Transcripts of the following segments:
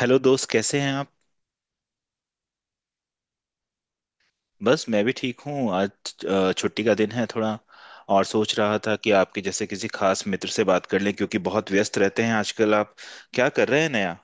Hello दोस्त, कैसे हैं आप। बस मैं भी ठीक हूँ आज। छुट्टी का दिन है थोड़ा और सोच रहा था कि आपके जैसे किसी खास मित्र से बात कर लें क्योंकि बहुत व्यस्त रहते हैं आजकल आप। क्या कर रहे हैं नया।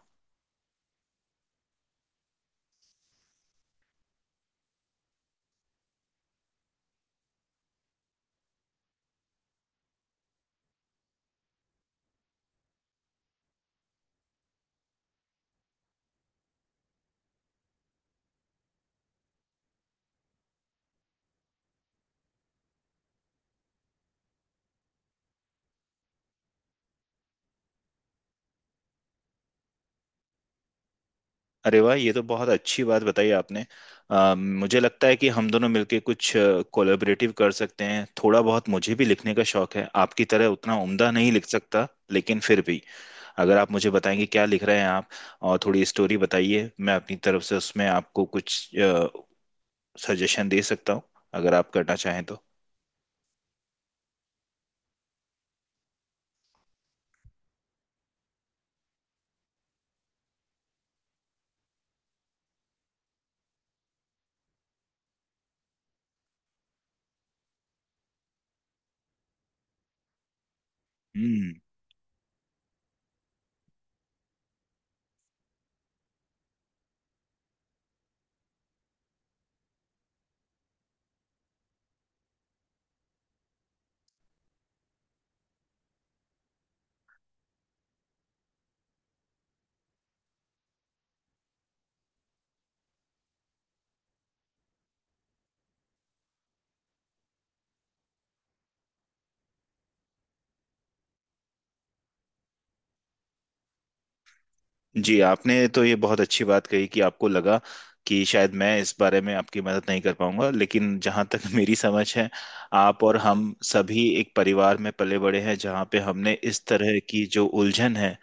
अरे वाह, ये तो बहुत अच्छी बात बताई आपने। मुझे लगता है कि हम दोनों मिलके कुछ कोलैबोरेटिव कर सकते हैं। थोड़ा बहुत मुझे भी लिखने का शौक है, आपकी तरह उतना उम्दा नहीं लिख सकता लेकिन फिर भी। अगर आप मुझे बताएंगे क्या लिख रहे हैं आप, और थोड़ी स्टोरी बताइए, मैं अपनी तरफ से उसमें आपको कुछ सजेशन दे सकता हूँ, अगर आप करना चाहें तो। हम्म। जी, आपने तो ये बहुत अच्छी बात कही कि आपको लगा कि शायद मैं इस बारे में आपकी मदद नहीं कर पाऊंगा, लेकिन जहाँ तक मेरी समझ है, आप और हम सभी एक परिवार में पले बड़े हैं, जहाँ पे हमने इस तरह की जो उलझन है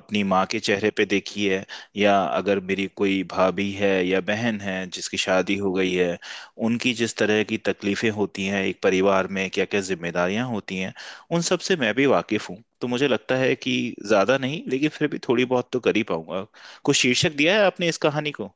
अपनी माँ के चेहरे पे देखी है, या अगर मेरी कोई भाभी है या बहन है जिसकी शादी हो गई है, उनकी जिस तरह की तकलीफें होती हैं, एक परिवार में क्या क्या जिम्मेदारियां होती हैं, उन सब से मैं भी वाकिफ हूँ। तो मुझे लगता है कि ज्यादा नहीं लेकिन फिर भी थोड़ी बहुत तो कर ही पाऊंगा। कुछ शीर्षक दिया है आपने इस कहानी को।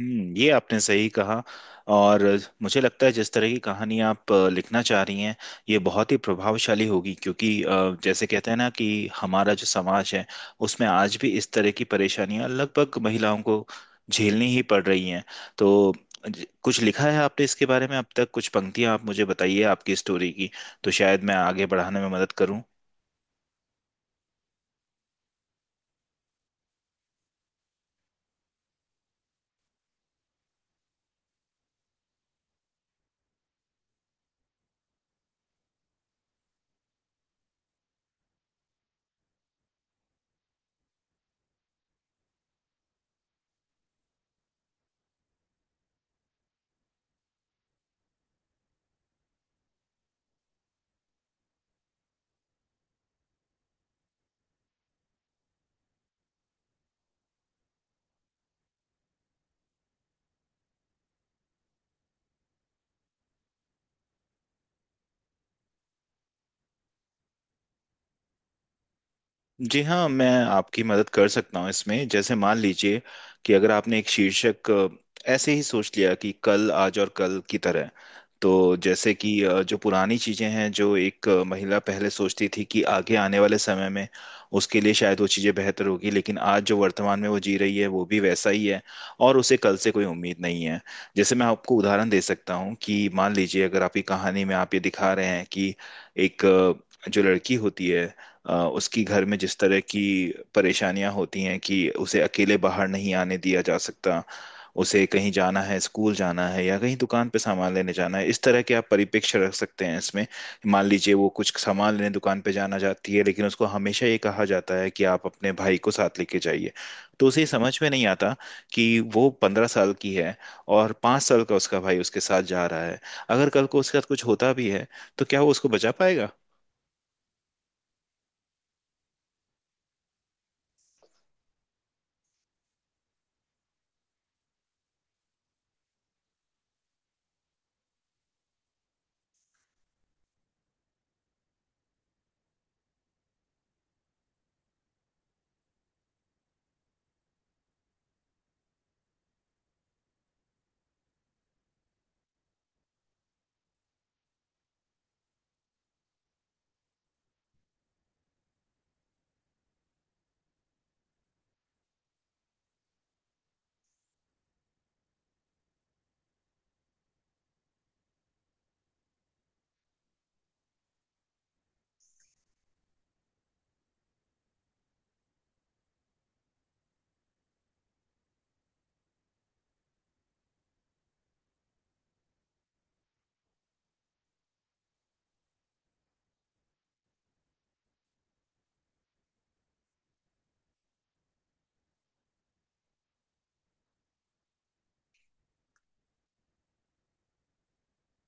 हम्म, ये आपने सही कहा। और मुझे लगता है जिस तरह की कहानी आप लिखना चाह रही हैं, ये बहुत ही प्रभावशाली होगी, क्योंकि जैसे कहते हैं ना कि हमारा जो समाज है, उसमें आज भी इस तरह की परेशानियां लगभग महिलाओं को झेलनी ही पड़ रही हैं। तो कुछ लिखा है आपने इसके बारे में अब तक, कुछ पंक्तियां आप मुझे बताइए आपकी स्टोरी की, तो शायद मैं आगे बढ़ाने में मदद करूं। जी हाँ, मैं आपकी मदद कर सकता हूँ इसमें। जैसे मान लीजिए कि अगर आपने एक शीर्षक ऐसे ही सोच लिया कि कल, आज और कल की तरह। तो जैसे कि जो पुरानी चीजें हैं, जो एक महिला पहले सोचती थी कि आगे आने वाले समय में उसके लिए शायद वो चीजें बेहतर होगी, लेकिन आज जो वर्तमान में वो जी रही है वो भी वैसा ही है, और उसे कल से कोई उम्मीद नहीं है। जैसे मैं आपको उदाहरण दे सकता हूँ कि मान लीजिए, अगर आपकी कहानी में आप ये दिखा रहे हैं कि एक जो लड़की होती है, उसकी घर में जिस तरह की परेशानियां होती हैं कि उसे अकेले बाहर नहीं आने दिया जा सकता, उसे कहीं जाना है, स्कूल जाना है या कहीं दुकान पे सामान लेने जाना है, इस तरह के आप परिप्रेक्ष्य रख सकते हैं इसमें। मान लीजिए वो कुछ सामान लेने दुकान पे जाना चाहती है, लेकिन उसको हमेशा ये कहा जाता है कि आप अपने भाई को साथ लेके जाइए। तो उसे ये समझ में नहीं आता कि वो 15 साल की है और 5 साल का उसका भाई उसके साथ जा रहा है। अगर कल को उसके साथ कुछ होता भी है, तो क्या वो उसको बचा पाएगा।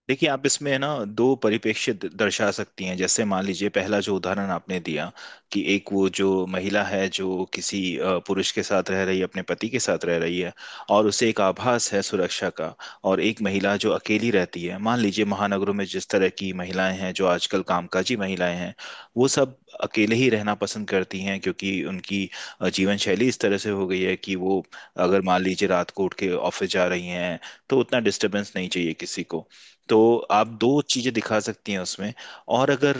देखिए, आप इसमें है ना दो परिप्रेक्ष्य दर्शा सकती हैं। जैसे मान लीजिए, पहला जो उदाहरण आपने दिया कि एक वो जो महिला है जो किसी पुरुष के साथ रह रही है, अपने पति के साथ रह रही है, और उसे एक आभास है सुरक्षा का। और एक महिला जो अकेली रहती है, मान लीजिए महानगरों में जिस तरह की महिलाएं हैं जो आजकल कामकाजी महिलाएं हैं, वो सब अकेले ही रहना पसंद करती हैं, क्योंकि उनकी जीवन शैली इस तरह से हो गई है कि वो, अगर मान लीजिए, रात को उठ के ऑफिस जा रही हैं, तो उतना डिस्टरबेंस नहीं चाहिए किसी को। तो आप दो चीजें दिखा सकती हैं उसमें। और अगर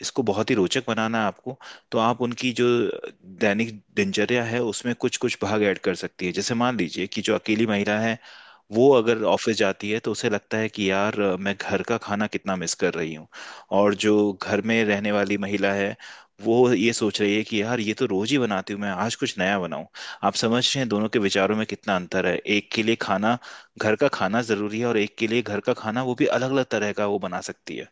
इसको बहुत ही रोचक बनाना है आपको, तो आप उनकी जो दैनिक दिनचर्या है उसमें कुछ कुछ भाग ऐड कर सकती है। जैसे मान लीजिए कि जो अकेली महिला है वो अगर ऑफिस जाती है, तो उसे लगता है कि यार, मैं घर का खाना कितना मिस कर रही हूँ। और जो घर में रहने वाली महिला है, वो ये सोच रही है कि यार, ये तो रोज ही बनाती हूँ, मैं आज कुछ नया बनाऊं। आप समझ रहे हैं दोनों के विचारों में कितना अंतर है। एक के लिए खाना, घर का खाना जरूरी है, और एक के लिए घर का खाना, वो भी अलग अलग तरह का, वो बना सकती है।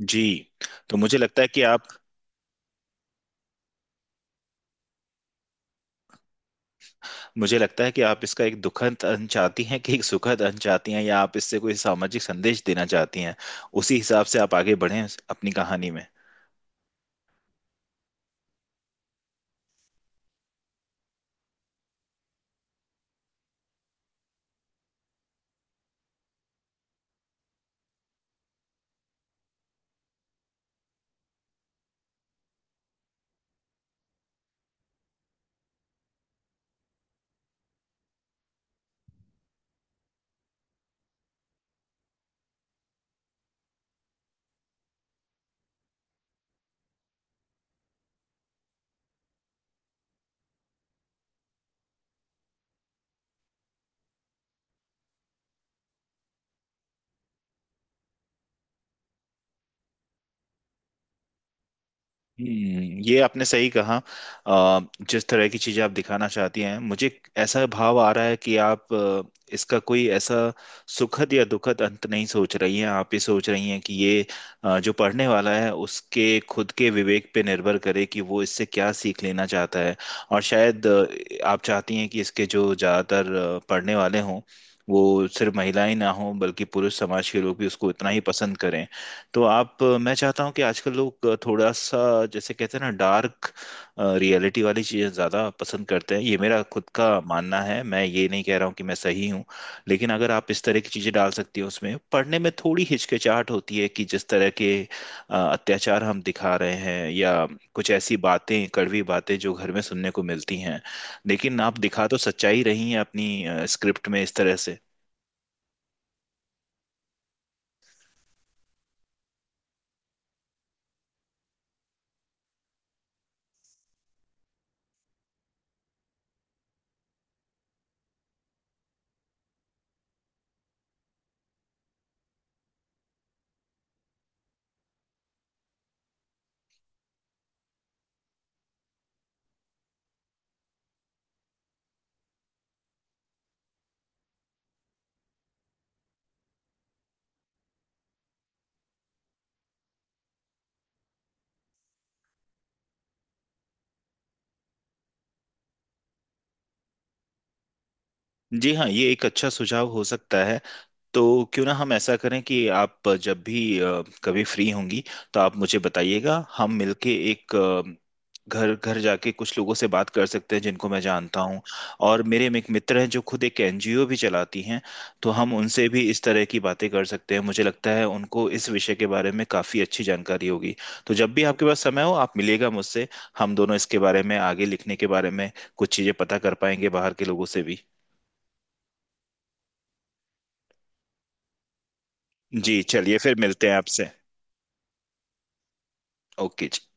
जी, तो मुझे लगता है कि आप इसका एक दुखद अंत चाहती हैं कि एक सुखद अंत चाहती हैं, या आप इससे कोई सामाजिक संदेश देना चाहती हैं। उसी हिसाब से आप आगे बढ़ें अपनी कहानी में। ये आपने सही कहा। अ, जिस तरह की चीजें आप दिखाना चाहती हैं, मुझे एक ऐसा भाव आ रहा है कि आप इसका कोई ऐसा सुखद या दुखद अंत नहीं सोच रही हैं। आप ये सोच रही हैं कि ये जो पढ़ने वाला है उसके खुद के विवेक पे निर्भर करे कि वो इससे क्या सीख लेना चाहता है। और शायद आप चाहती हैं कि इसके जो ज्यादातर पढ़ने वाले हों, वो सिर्फ महिलाएं ना हों, बल्कि पुरुष समाज के लोग भी उसको इतना ही पसंद करें। तो आप, मैं चाहता हूँ कि आजकल लोग थोड़ा सा, जैसे कहते हैं ना, डार्क रियलिटी वाली चीज़ें ज़्यादा पसंद करते हैं। ये मेरा खुद का मानना है, मैं ये नहीं कह रहा हूँ कि मैं सही हूँ, लेकिन अगर आप इस तरह की चीज़ें डाल सकती हो उसमें, पढ़ने में थोड़ी हिचकिचाहट होती है कि जिस तरह के अत्याचार हम दिखा रहे हैं, या कुछ ऐसी बातें, कड़वी बातें जो घर में सुनने को मिलती हैं, लेकिन आप दिखा तो सच्चाई रही हैं अपनी स्क्रिप्ट में इस तरह से। जी हाँ, ये एक अच्छा सुझाव हो सकता है। तो क्यों ना हम ऐसा करें कि आप जब भी कभी फ्री होंगी, तो आप मुझे बताइएगा, हम मिलके एक घर घर जाके कुछ लोगों से बात कर सकते हैं जिनको मैं जानता हूँ। और मेरे एक मित्र हैं जो खुद एक एनजीओ भी चलाती हैं, तो हम उनसे भी इस तरह की बातें कर सकते हैं, मुझे लगता है उनको इस विषय के बारे में काफ़ी अच्छी जानकारी होगी। तो जब भी आपके पास समय हो आप मिलिएगा मुझसे, हम दोनों इसके बारे में आगे लिखने के बारे में कुछ चीज़ें पता कर पाएंगे बाहर के लोगों से भी। जी, चलिए फिर मिलते हैं आपसे। ओके जी।